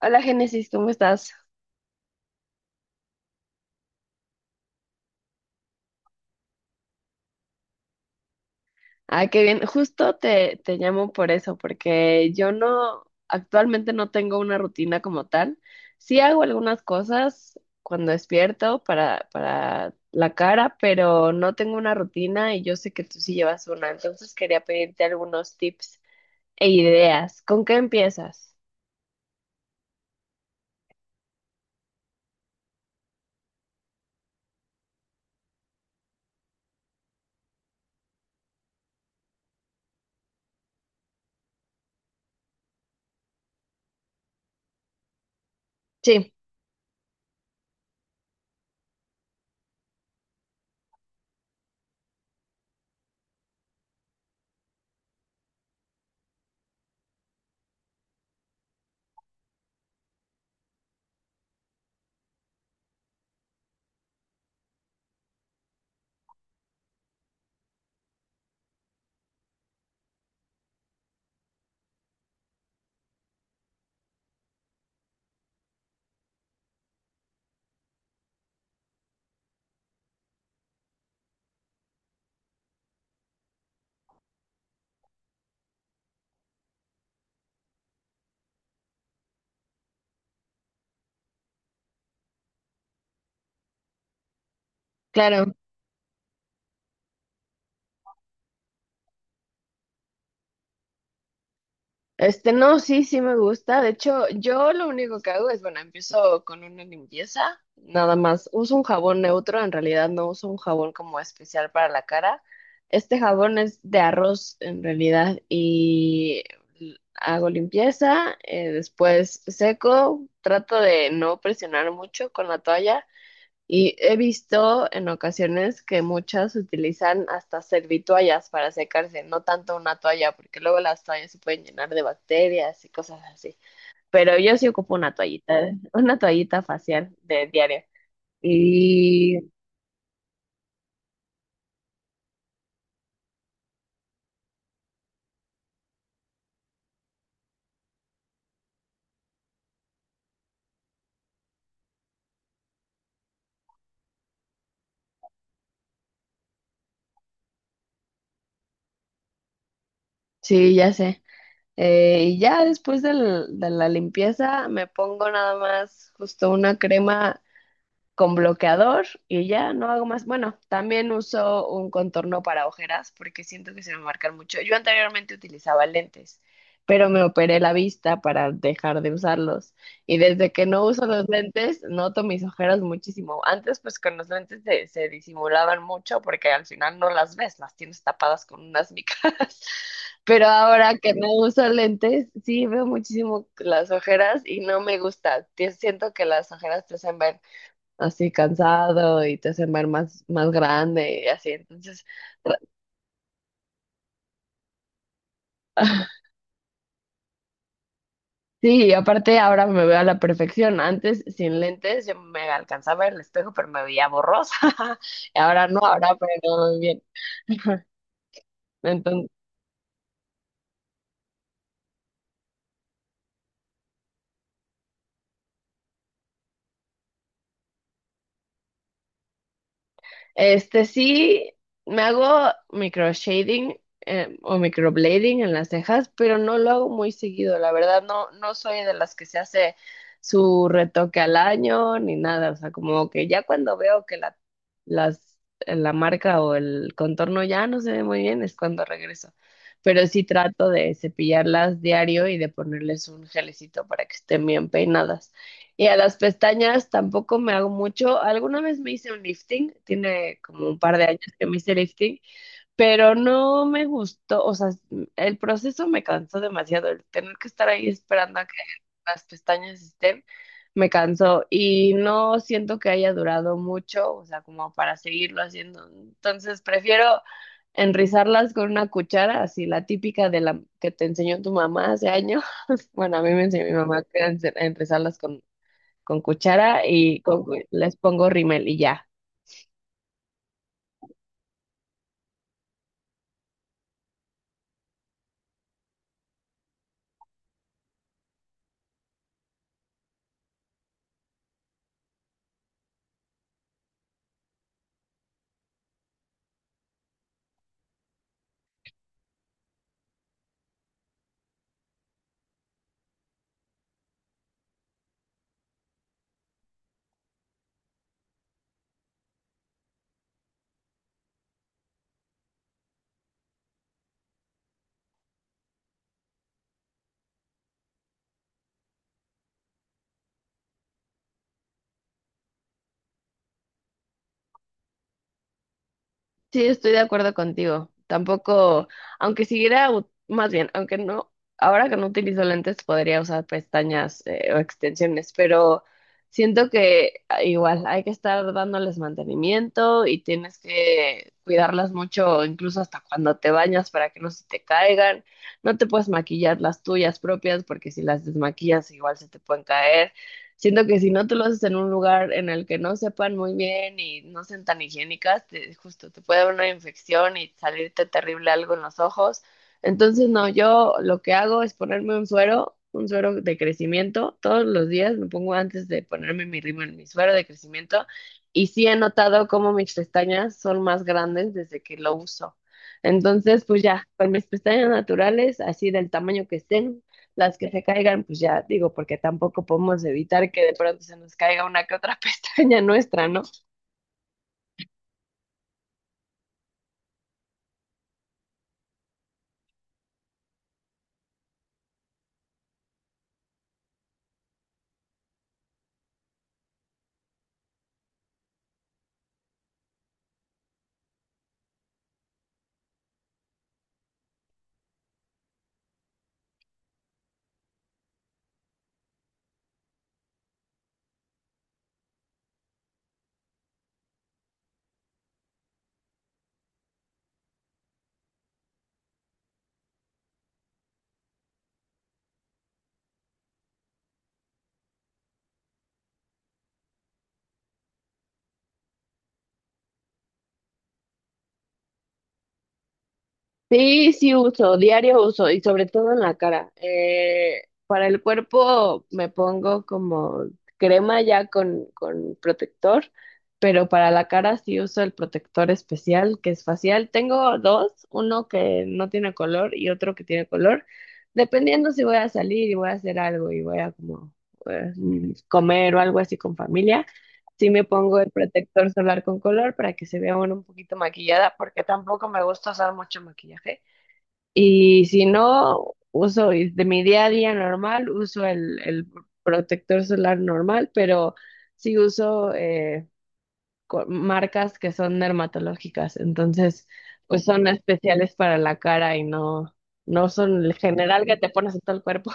Hola Génesis, ¿cómo estás? Ah, qué bien. Justo te llamo por eso, porque yo no, actualmente no tengo una rutina como tal. Sí hago algunas cosas cuando despierto para la cara, pero no tengo una rutina y yo sé que tú sí llevas una, entonces quería pedirte algunos tips e ideas. ¿Con qué empiezas? Sí, claro. Este, no, sí, sí me gusta. De hecho, yo lo único que hago es, bueno, empiezo con una limpieza, nada más. Uso un jabón neutro, en realidad no uso un jabón como especial para la cara. Este jabón es de arroz, en realidad, y hago limpieza, después seco, trato de no presionar mucho con la toalla y he visto en ocasiones que muchas utilizan hasta servitoallas para secarse, no tanto una toalla, porque luego las toallas se pueden llenar de bacterias y cosas así. Pero yo sí ocupo una toallita, una toallita facial de diario. Y sí, ya sé. Y ya de la limpieza me pongo nada más justo una crema con bloqueador y ya no hago más. Bueno, también uso un contorno para ojeras porque siento que se me marcan mucho. Yo anteriormente utilizaba lentes, pero me operé la vista para dejar de usarlos. Y desde que no uso los lentes, noto mis ojeras muchísimo. Antes, pues con los lentes se disimulaban mucho porque al final no las ves, las tienes tapadas con unas micas. Pero ahora que no uso lentes, sí veo muchísimo las ojeras y no me gusta. Siento que las ojeras te hacen ver así cansado y te hacen ver más, más grande y así. Entonces, tra- sí, y aparte ahora me veo a la perfección. Antes, sin lentes, yo me alcanzaba el espejo, pero me veía borrosa. Y ahora no, ahora pero me veo bien. Entonces, este sí, me hago micro shading o microblading en las cejas, pero no lo hago muy seguido, la verdad no, no soy de las que se hace su retoque al año ni nada, o sea, como que ya cuando veo que las, la marca o el contorno ya no se ve muy bien es cuando regreso, pero sí trato de cepillarlas diario y de ponerles un gelecito para que estén bien peinadas. Y a las pestañas tampoco me hago mucho. Alguna vez me hice un lifting, tiene como un par de años que me hice lifting, pero no me gustó, o sea, el proceso me cansó demasiado, el tener que estar ahí esperando a que las pestañas estén, me cansó y no siento que haya durado mucho, o sea, como para seguirlo haciendo. Entonces prefiero enrizarlas con una cuchara, así la típica de la que te enseñó tu mamá hace años. Bueno, a mí me enseñó mi mamá que era enrizarlas con cuchara y con les pongo rímel y ya. Sí, estoy de acuerdo contigo. Tampoco, aunque siguiera, más bien, aunque no, ahora que no utilizo lentes podría usar pestañas o extensiones, pero siento que ah, igual hay que estar dándoles mantenimiento y tienes que cuidarlas mucho, incluso hasta cuando te bañas para que no se te caigan. No te puedes maquillar las tuyas propias porque si las desmaquillas igual se te pueden caer. Siento que si no tú lo haces en un lugar en el que no sepan muy bien y no sean tan higiénicas, justo te puede dar una infección y salirte terrible algo en los ojos. Entonces, no, yo lo que hago es ponerme un suero de crecimiento. Todos los días me pongo antes de ponerme mi rímel, mi suero de crecimiento. Y sí he notado cómo mis pestañas son más grandes desde que lo uso. Entonces, pues ya, con mis pestañas naturales, así del tamaño que estén, las que se caigan, pues ya digo, porque tampoco podemos evitar que de pronto se nos caiga una que otra pestaña nuestra, ¿no? Sí, sí uso, diario uso y sobre todo en la cara. Para el cuerpo me pongo como crema ya con protector, pero para la cara sí uso el protector especial que es facial. Tengo dos, uno que no tiene color y otro que tiene color, dependiendo si voy a salir y voy a hacer algo y voy a como comer o algo así con familia. Sí me pongo el protector solar con color para que se vea uno un poquito maquillada, porque tampoco me gusta usar mucho maquillaje. Y si no, uso y de mi día a día normal, uso el protector solar normal, pero sí uso marcas que son dermatológicas, entonces pues son especiales para la cara y no, no son el general que te pones en todo el cuerpo.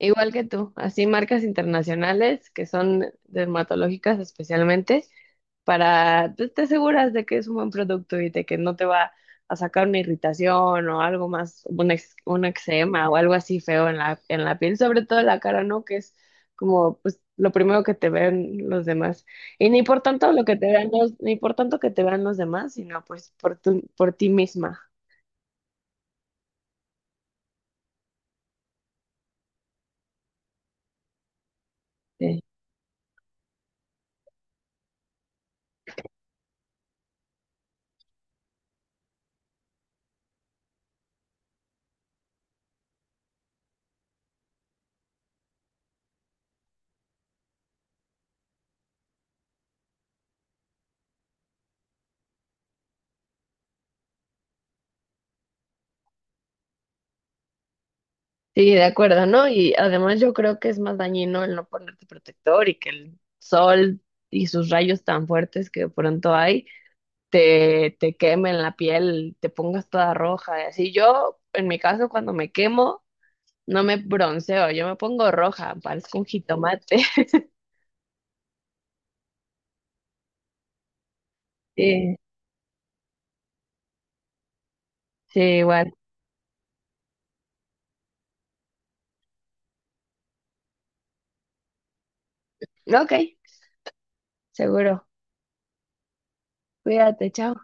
Igual que tú, así marcas internacionales que son dermatológicas especialmente, para, pues, te aseguras de que es un buen producto y de que no te va a sacar una irritación o algo más, un eczema o algo así feo en la piel, sobre todo en la cara, ¿no? Que es como, pues, lo primero que te ven los demás. Y ni por tanto lo que te vean los, ni por tanto que te vean los demás, sino pues por por ti misma. eh, Sí, de acuerdo, ¿no? Y además yo creo que es más dañino el no ponerte protector y que el sol y sus rayos tan fuertes que de pronto hay te quemen la piel, te pongas toda roja. Y así yo, en mi caso, cuando me quemo, no me bronceo, yo me pongo roja, parezco un jitomate. Sí, sí, igual. Ok, seguro. Cuídate, chao.